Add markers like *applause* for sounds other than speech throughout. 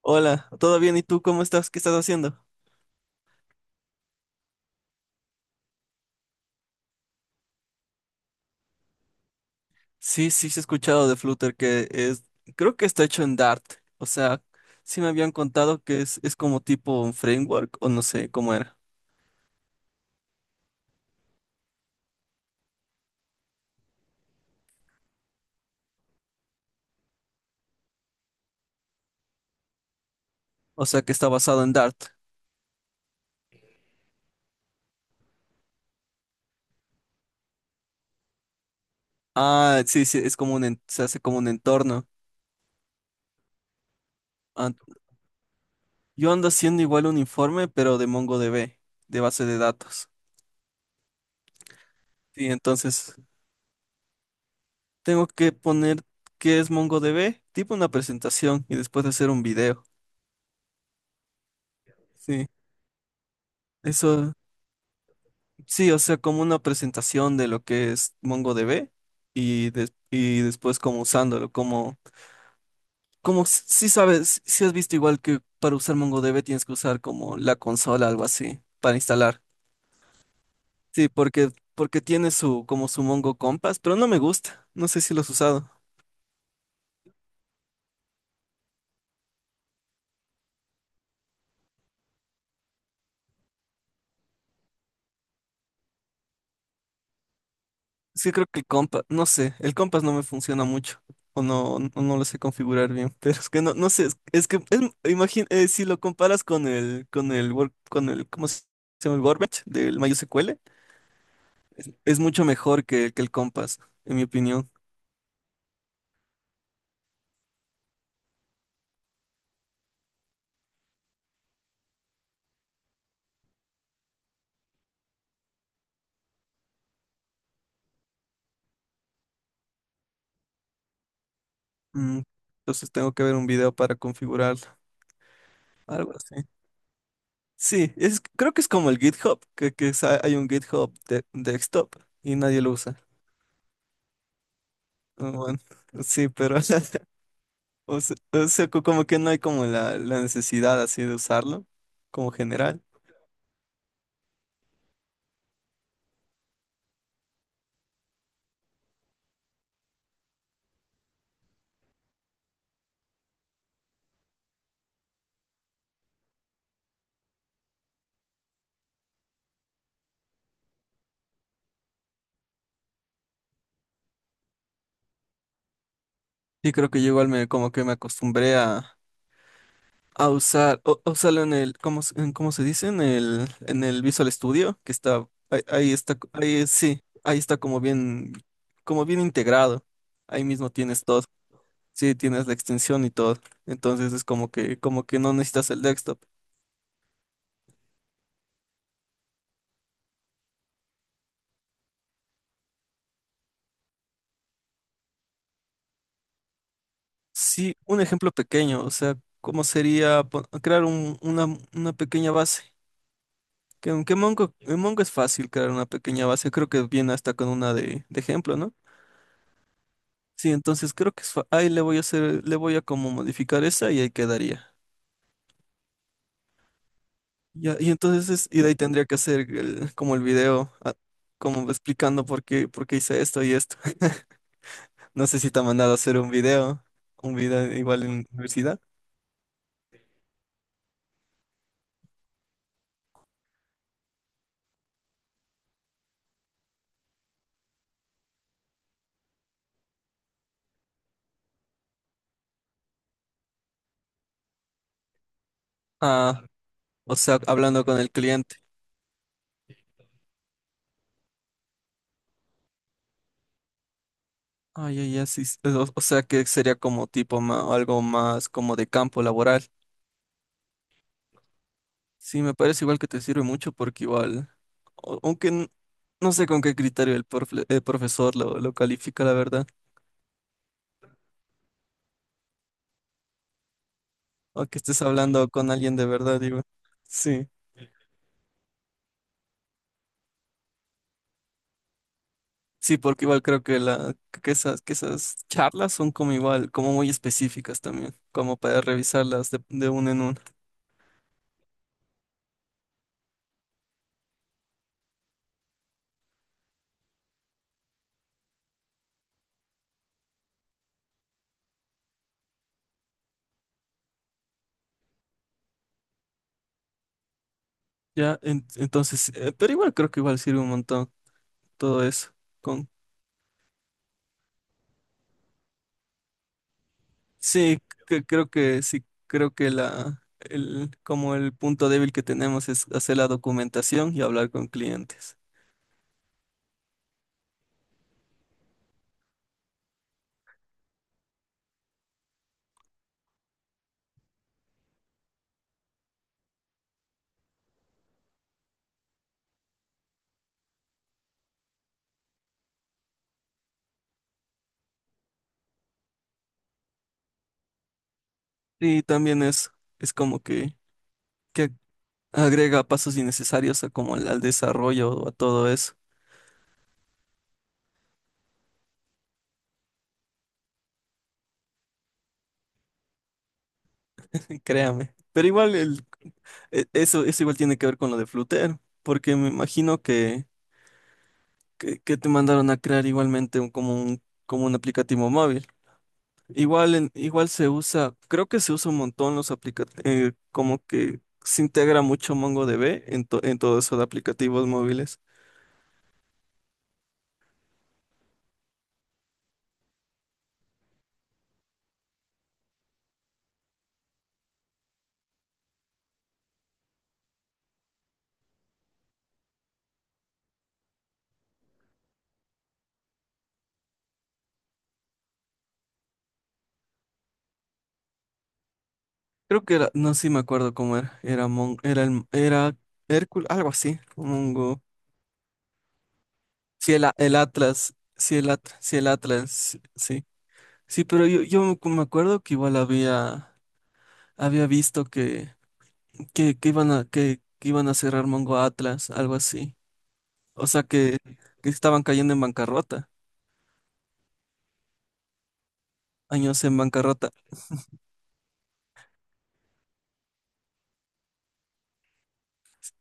Hola, ¿todo bien? ¿Y tú cómo estás? ¿Qué estás haciendo? Sí, sí, sí he escuchado de Flutter que es, creo que está hecho en Dart. O sea, sí me habían contado que es como tipo un framework o no sé cómo era. O sea, que está basado en Dart. Ah, sí, sí, es como se hace como un entorno. Ah, yo ando haciendo igual un informe, pero de MongoDB, de base de datos. Sí, entonces tengo que poner qué es MongoDB, tipo una presentación y después hacer un video. Sí, eso. Sí, o sea, como una presentación de lo que es MongoDB y después como usándolo, como si sabes, si has visto igual que para usar MongoDB tienes que usar como la consola, algo así, para instalar. Sí, porque tiene su, como su Mongo Compass, pero no me gusta, no sé si lo has usado. Sí, creo que el compa, no sé, el compás no me funciona mucho, o no lo sé configurar bien, *laughs* pero es que no sé, imagina, si lo comparas con el, con el, ¿cómo se llama? El Workbench del MySQL, es mucho mejor que el compás, en mi opinión. Mm, entonces tengo que ver un video para configurarlo, algo así. Sí, creo que es como el GitHub, que hay un GitHub de desktop y nadie lo usa. Ah, bueno, sí, pero. *laughs* O sea, como que no hay como la necesidad así de usarlo, como general. Y creo que yo igual como que me acostumbré a usar, o, a usarlo en el, ¿cómo se dice? En el Visual Studio, que está, ahí, ahí está, ahí sí, ahí está como bien integrado. Ahí mismo tienes todo. Sí, tienes la extensión y todo. Entonces es como que no necesitas el desktop. Sí, un ejemplo pequeño, o sea, ¿cómo sería crear una pequeña base? Que Mongo, en Mongo es fácil crear una pequeña base, creo que viene hasta con una de ejemplo, ¿no? Sí, entonces creo que ahí le voy a hacer, le voy a como modificar esa y ahí quedaría. Ya, y entonces y de ahí tendría que hacer como el video, como explicando por qué hice esto y esto. *laughs* No sé si te ha mandado a hacer un video igual en la universidad. Ah, o sea, hablando con el cliente. Ay, ay, ay, sí, sí, o sea que sería como tipo algo más como de campo laboral. Sí, me parece igual que te sirve mucho porque igual, aunque no sé con qué criterio el profesor lo califica, la verdad, o que estés hablando con alguien de verdad, digo. Sí, sí, porque igual creo que esas charlas son como igual, como muy específicas también, como para revisarlas de uno en uno. Ya, entonces, pero igual creo que igual sirve un montón todo eso. Sí, creo que sí, creo que como el punto débil que tenemos es hacer la documentación y hablar con clientes. Sí, también es como que agrega pasos innecesarios a como al desarrollo o a todo eso, *laughs* créame. Pero igual eso igual tiene que ver con lo de Flutter, porque me imagino que te mandaron a crear igualmente como un aplicativo móvil. Igual, igual se usa, creo que se usa un montón los aplicativos, como que se integra mucho MongoDB en todo eso de aplicativos móviles. Creo que era, no sé sí me acuerdo cómo era, era Hércules, algo así, Mongo. Sí, el Atlas, sí, sí, el Atlas, sí. Sí, pero yo me acuerdo que igual había visto que iban a cerrar Mongo Atlas, algo así. O sea que estaban cayendo en bancarrota. Años en bancarrota.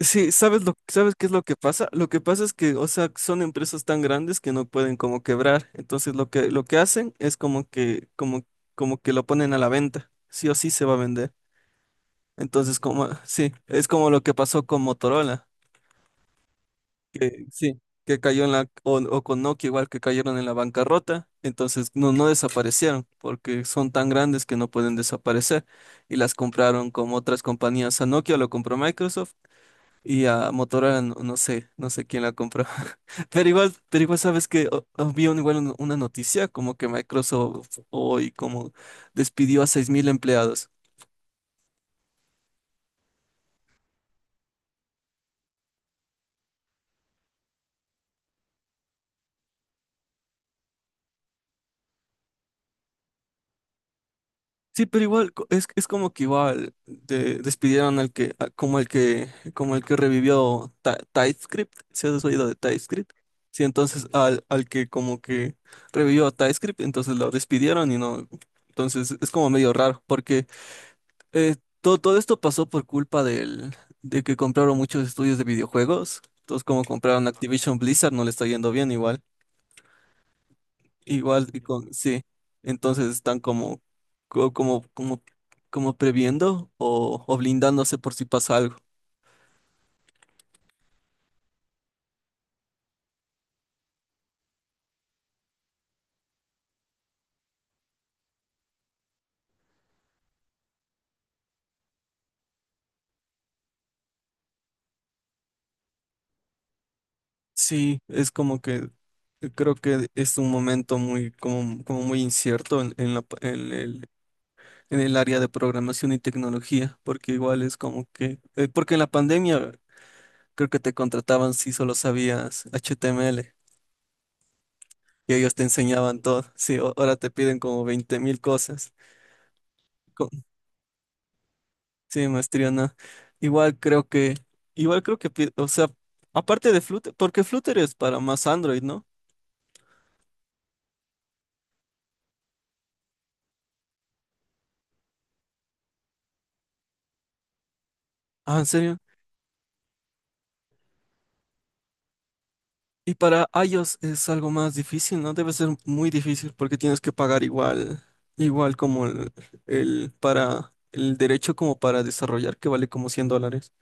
Sí, sabes qué es lo que pasa? Lo que pasa es que, o sea, son empresas tan grandes que no pueden como quebrar. Entonces lo que hacen es como que lo ponen a la venta. Sí o sí se va a vender. Entonces, *laughs* sí, es como lo que pasó con Motorola, que sí, que cayó o con Nokia igual que cayeron en la bancarrota. Entonces, no, desaparecieron porque son tan grandes que no pueden desaparecer. Y las compraron como otras compañías. A Nokia lo compró Microsoft. Y a Motorola no, no sé quién la compró. *laughs* Pero igual sabes que había igual una noticia como que Microsoft hoy como despidió a 6.000 empleados. Sí, pero igual es como que igual despidieron al que a- como el que revivió TypeScript, si has oído de TypeScript. Sí, entonces al que como que revivió a TypeScript, entonces lo despidieron y no, entonces es como medio raro porque. Eh, todo esto pasó por culpa de que compraron muchos estudios de videojuegos. Entonces, como compraron Activision Blizzard, no le está yendo bien igual. Igual, y con, sí. Entonces están como, co- como, como, como previendo o blindándose por si pasa algo. Sí, es como que creo que es un momento muy, como muy incierto en la pa- en el área de programación y tecnología, porque igual es como que, porque en la pandemia. Creo que te contrataban si solo sabías HTML y ellos te enseñaban todo. Sí, ahora te piden como 20 mil cosas. Co- Sí, maestría, no. Igual creo que, igual creo que, o sea, aparte de Flutter, porque Flutter es para más Android, ¿no? Ah, ¿en serio? Y para iOS es algo más difícil, ¿no? Debe ser muy difícil porque tienes que pagar igual como el para el derecho como para desarrollar que vale como $100.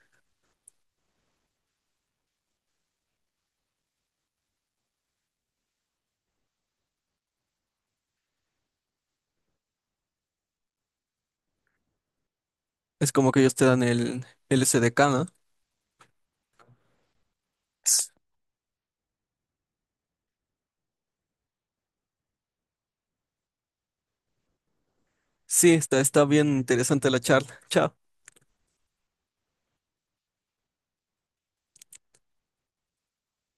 Es como que ellos te dan el SDK, ¿no? Sí, está bien interesante la charla. Chao.